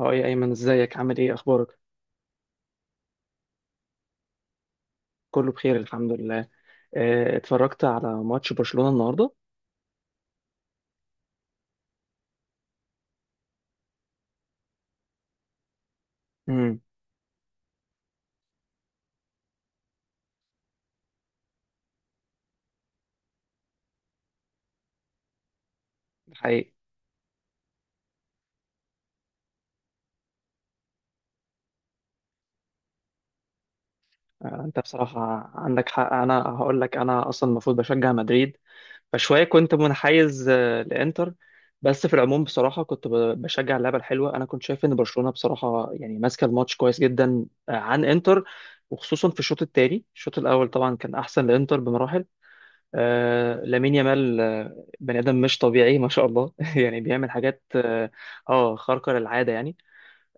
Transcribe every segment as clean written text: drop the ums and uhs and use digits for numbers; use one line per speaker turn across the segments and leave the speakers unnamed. اه يا ايمن، ازيك؟ عامل ايه؟ اخبارك؟ كله بخير الحمد لله. اتفرجت على ماتش برشلونة النهارده. امم. الحقيقة. انت بصراحة عندك حق. انا هقول لك، انا اصلا المفروض بشجع مدريد، فشوية كنت منحيز لانتر. بس في العموم بصراحة كنت بشجع اللعبة الحلوة. انا كنت شايف ان برشلونة بصراحة يعني ماسكة الماتش كويس جدا عن انتر، وخصوصا في الشوط التاني. الشوط الاول طبعا كان احسن لانتر بمراحل. لامين يامال، بني ادم مش طبيعي، ما شاء الله. يعني بيعمل حاجات خارقه للعاده يعني.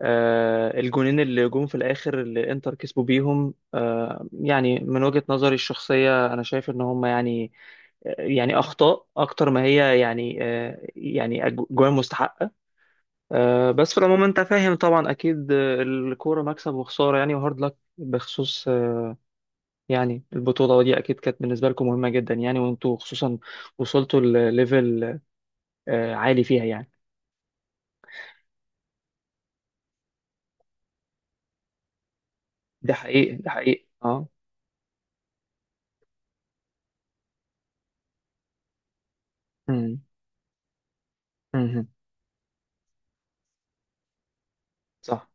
الجونين اللي جم في الاخر اللي انتر كسبوا بيهم، يعني من وجهه نظري الشخصيه انا شايف ان هم، يعني يعني اخطاء اكتر ما هي، يعني يعني جوان مستحقه. بس في العموم انت فاهم طبعا، اكيد الكوره مكسب وخساره يعني. وهارد لك بخصوص يعني البطولة دي أكيد كانت بالنسبة لكم مهمة جدا يعني، وأنتوا خصوصا وصلتوا لليفل عالي فيها يعني. ده حقيقي، ده حقيقي، أه. أمم، أمم، صح.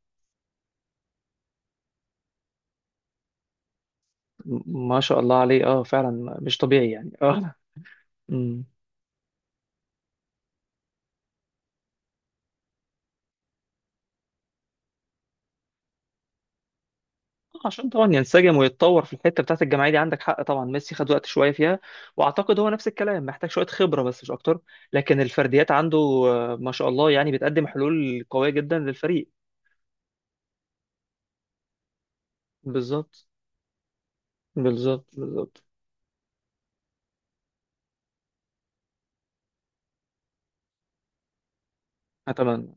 ما شاء الله عليه، أه فعلا مش طبيعي يعني، أه. أمم. عشان طبعا ينسجم ويتطور في الحتة بتاعت الجماعية دي. عندك حق طبعا، ميسي خد وقت شوية فيها. وأعتقد هو نفس الكلام محتاج شوية خبرة بس، مش أكتر. لكن الفرديات عنده ما شاء الله يعني بتقدم حلول قوية جدا للفريق. بالظبط، بالظبط، بالظبط. أتمنى،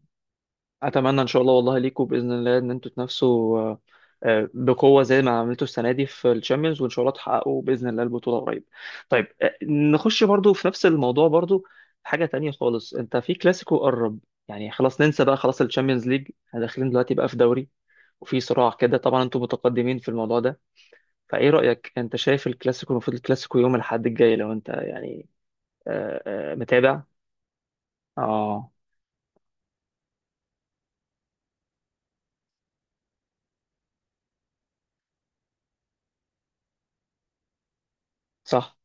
اتمنى ان شاء الله، والله ليكم باذن الله ان انتوا تنافسوا بقوه زي ما عملتوا السنه دي في الشامبيونز، وان شاء الله تحققوا باذن الله البطوله قريب. طيب نخش برضو في نفس الموضوع، برضو حاجه تانية خالص. انت في كلاسيكو قرب، يعني خلاص ننسى بقى، خلاص الشامبيونز ليج، احنا داخلين دلوقتي بقى في دوري وفي صراع كده. طبعا انتوا متقدمين في الموضوع ده، فايه رايك؟ انت شايف الكلاسيكو، المفروض الكلاسيكو يوم الاحد الجاي، لو انت يعني آه، متابع. اه صح.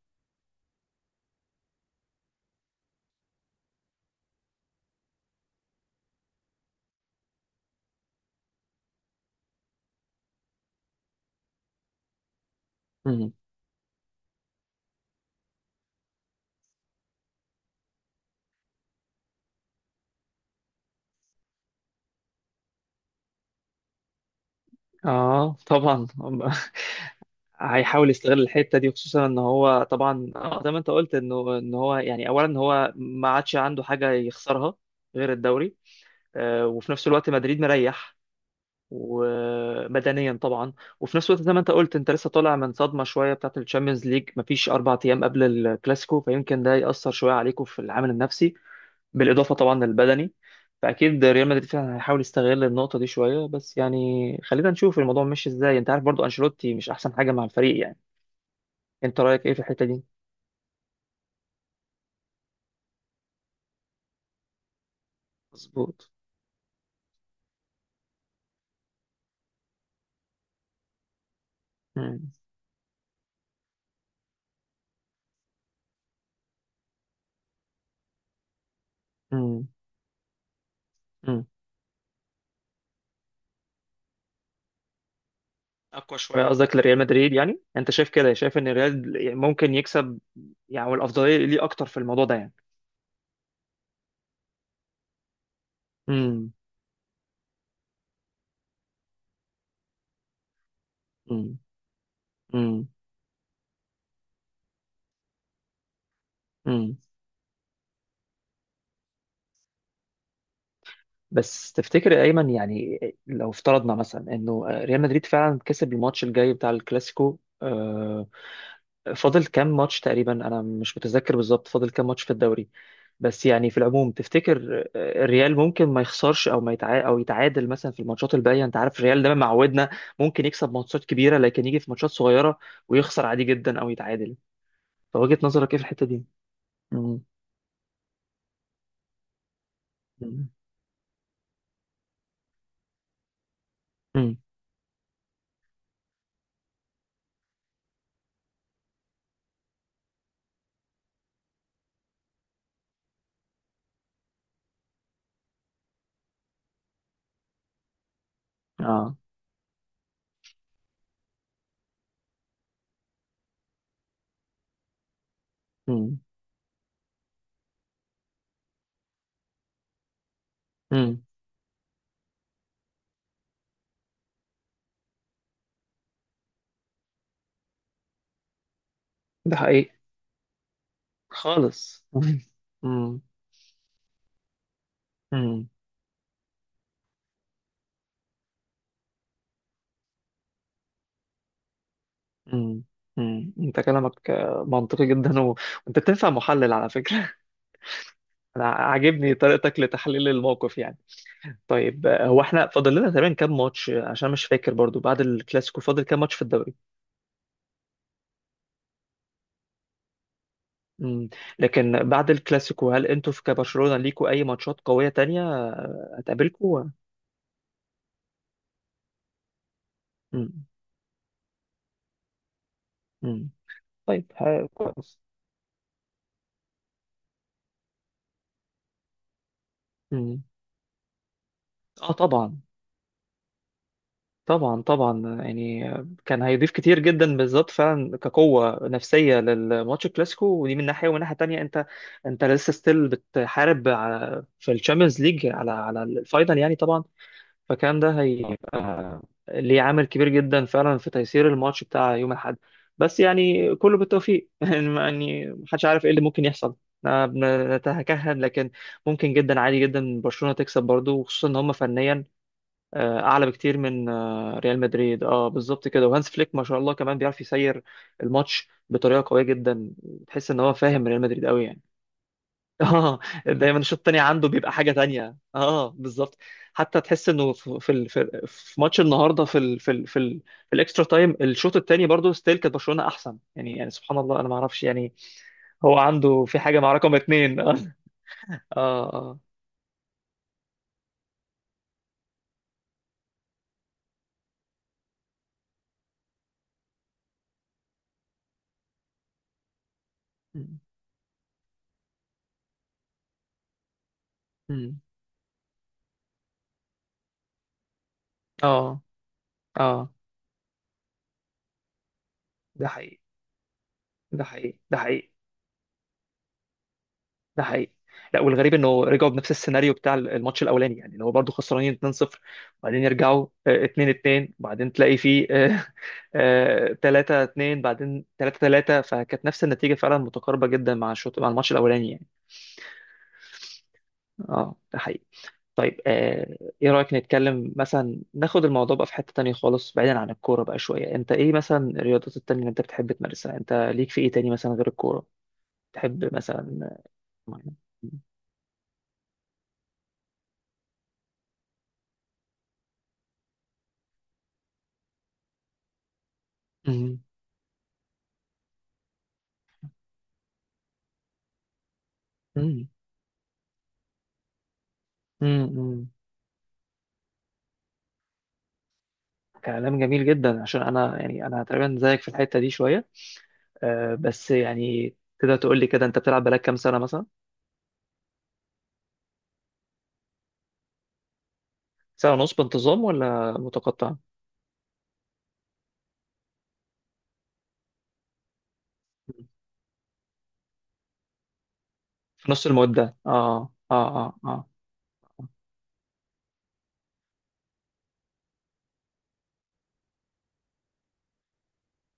اه طبعا. هيحاول يستغل الحته دي، خصوصا ان هو طبعا زي ما انت قلت، انه ان هو يعني اولا هو ما عادش عنده حاجه يخسرها غير الدوري. وفي نفس الوقت مدريد مريح ومدنيا طبعا. وفي نفس الوقت زي ما انت قلت، انت لسه طالع من صدمه شويه بتاعت الشامبيونز ليج، مفيش 4 ايام قبل الكلاسيكو، فيمكن ده ياثر شويه عليكم في العامل النفسي، بالاضافه طبعا للبدني. فاكيد ريال مدريد فعلا هيحاول يستغل النقطه دي شويه، بس يعني خلينا نشوف الموضوع ماشي ازاي. انت عارف برضو انشيلوتي مش احسن حاجه مع الفريق يعني. انت رايك ايه في الحته دي؟ مظبوط. امم. امم. امم. شويه قصدك لريال مدريد؟ يعني انت شايف كده، شايف ان ريال ممكن يكسب، يعني والافضليه ليه اكتر في الموضوع ده يعني. امم. امم. امم. بس تفتكر يا ايمن، يعني لو افترضنا مثلا انه ريال مدريد فعلا كسب الماتش الجاي بتاع الكلاسيكو، فاضل كام ماتش تقريبا؟ انا مش متذكر بالظبط، فاضل كام ماتش في الدوري؟ بس يعني في العموم تفتكر الريال ممكن ما يخسرش او ما يتع... او يتعادل مثلا في الماتشات الباقيه؟ انت عارف الريال دايما معودنا، ممكن يكسب ماتشات كبيره لكن يجي في ماتشات صغيره ويخسر عادي جدا او يتعادل. فوجهة نظرك ايه في الحته دي؟ امم. امم. اه. امم. امم. ده حقيقي. خالص. مم. مم. مم. مم. مم. انت كلامك منطقي جدا، وانت بتنفع محلل على فكرة. انا عاجبني طريقتك لتحليل الموقف يعني. طيب هو احنا فاضل لنا تقريبا كام ماتش؟ عشان مش فاكر برضو، بعد الكلاسيكو فاضل كام ماتش في الدوري؟ مم. لكن بعد الكلاسيكو، هل انتوا في كبرشلونة ليكوا اي ماتشات قوية تانية هتقابلكوا؟ مم. مم. طيب كويس. مم. اه طبعا. طبعا، طبعا، يعني كان هيضيف كتير جدا بالذات، فعلا كقوة نفسية للماتش الكلاسيكو. ودي من ناحية، ومن ناحية تانية انت، انت لسه ستيل بتحارب في الشامبيونز ليج على الفاينل يعني، طبعا. فكان ده هيبقى ليه عامل كبير جدا فعلا في تيسير الماتش بتاع يوم الاحد. بس يعني كله بالتوفيق. يعني محدش عارف ايه اللي ممكن يحصل. أنا نتكهن، لكن ممكن جدا عادي جدا برشلونة تكسب برضو، وخصوصا ان هم فنيا اعلى بكتير من ريال مدريد. اه بالظبط كده. وهانس فليك ما شاء الله كمان بيعرف يسير الماتش بطريقه قويه جدا. تحس ان هو فاهم ريال مدريد قوي يعني. اه، دايما الشوط الثاني عنده بيبقى حاجه تانية، اه بالظبط. حتى تحس انه في ماتش النهارده، في في الاكسترا تايم الشوط الثاني برضه ستيل كانت برشلونه احسن يعني. يعني سبحان الله، انا ما اعرفش يعني هو عنده في حاجه مع رقم اثنين. اه. اه. اه. م- م. اه. آه. ده حقيقي، ده حقيقي، ده حقيقي، ده حقيقي. لا والغريب انه رجعوا بنفس السيناريو بتاع الماتش الاولاني، يعني اللي هو برضه خسرانين 2-0، وبعدين يرجعوا 2-2، وبعدين تلاقي فيه 3-2، بعدين 3-3. فكانت نفس النتيجه فعلا متقاربه جدا مع الماتش الاولاني يعني. اه ده حقيقي. طيب ايه رايك نتكلم مثلا، ناخد الموضوع بقى في حته تانية خالص بعيدا عن الكوره بقى شويه. انت ايه مثلا الرياضات التانية اللي انت بتحب تمارسها؟ انت ليك في ايه تاني مثلا غير الكوره؟ تحب مثلا؟ مم. مم. مم. مم. كلام جميل جدا. عشان انا، يعني انا تقريبا زيك في الحته دي شويه. أه بس يعني تقدر تقول لي كده انت بتلعب بقالك كام سنه مثلا؟ سنه ونص بانتظام ولا متقطع؟ في نص المده، اه اه اه اه.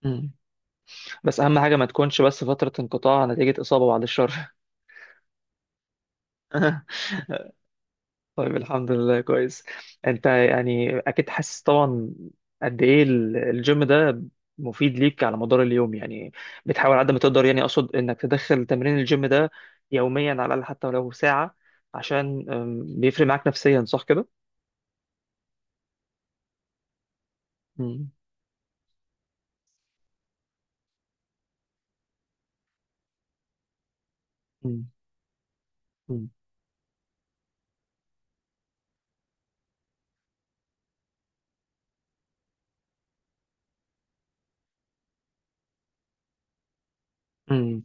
مم. بس اهم حاجه ما تكونش بس فتره انقطاع نتيجه اصابه، بعد الشر. طيب الحمد لله كويس. انت يعني اكيد حاسس طبعا قد ايه الجيم ده مفيد ليك على مدار اليوم يعني. بتحاول على قد ما تقدر، يعني اقصد انك تدخل تمرين الجيم ده يوميا على الاقل، حتى ولو ساعة، عشان بيفرق معاك نفسيا، صح كده؟ مم. مم. مم. مم.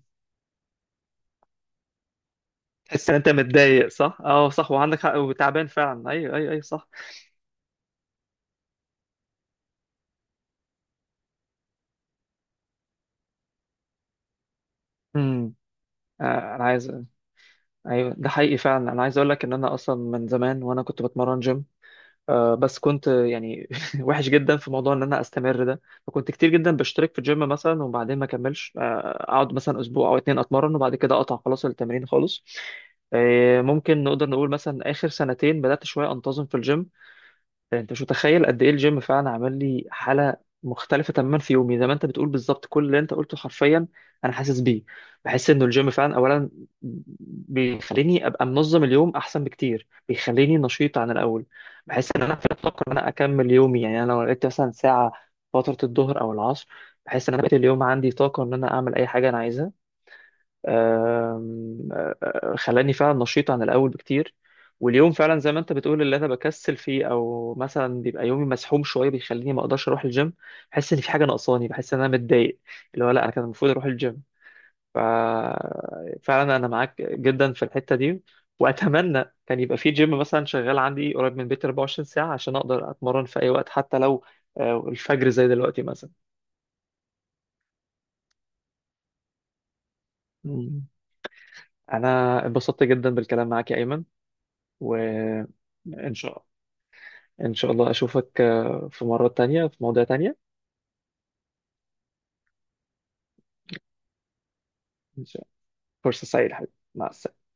تحس ان انت متضايق صح؟ اه صح، وعندك حق، وتعبان فعلا، ايوه ايوه ايوه صح. امم. آه، انا عايز. ايوه ده حقيقي فعلا، انا عايز اقول لك ان انا اصلا من زمان وانا كنت بتمرن جيم، بس كنت يعني وحش جدا في موضوع ان انا استمر ده. فكنت كتير جدا بشترك في الجيم مثلا وبعدين ما اكملش، اقعد مثلا اسبوع او اتنين اتمرن وبعد كده اقطع خلاص، التمرين خالص. ممكن نقدر نقول مثلا اخر سنتين بدات شويه انتظم في الجيم. انت مش متخيل قد ايه الجيم فعلا عمل لي حاله مختلفه تماما في يومي. زي ما انت بتقول بالظبط، كل اللي انت قلته حرفيا انا حاسس بيه. بحس انه الجيم فعلا اولا بيخليني ابقى منظم اليوم احسن بكتير، بيخليني نشيط عن الاول. بحس ان انا في الطاقه ان انا اكمل يومي يعني. انا لو لقيت مثلا ساعه فتره الظهر او العصر، بحس ان انا بقيت اليوم عندي طاقه ان انا اعمل اي حاجه انا عايزها. خلاني فعلا نشيط عن الاول بكتير. واليوم فعلا زي ما انت بتقول، اللي انا بكسل فيه او مثلا بيبقى يومي مسحوم شويه بيخليني ما اقدرش اروح الجيم، بحس ان في حاجه ناقصاني، بحس ان انا متضايق، اللي هو لا، انا كان المفروض اروح الجيم. ف فعلا انا معاك جدا في الحته دي. واتمنى كان يبقى في جيم مثلا شغال عندي قريب من بيتي 24 ساعه، عشان اقدر اتمرن في اي وقت، حتى لو الفجر زي دلوقتي مثلا. مم. انا اتبسطت جدا بالكلام معاك يا ايمن و ان شاء الله. إن شاء الله أشوفك في مرة تانية في مواضيع تانية. إن شاء الله. فرصة سعيدة حبيبي، مع السلامة.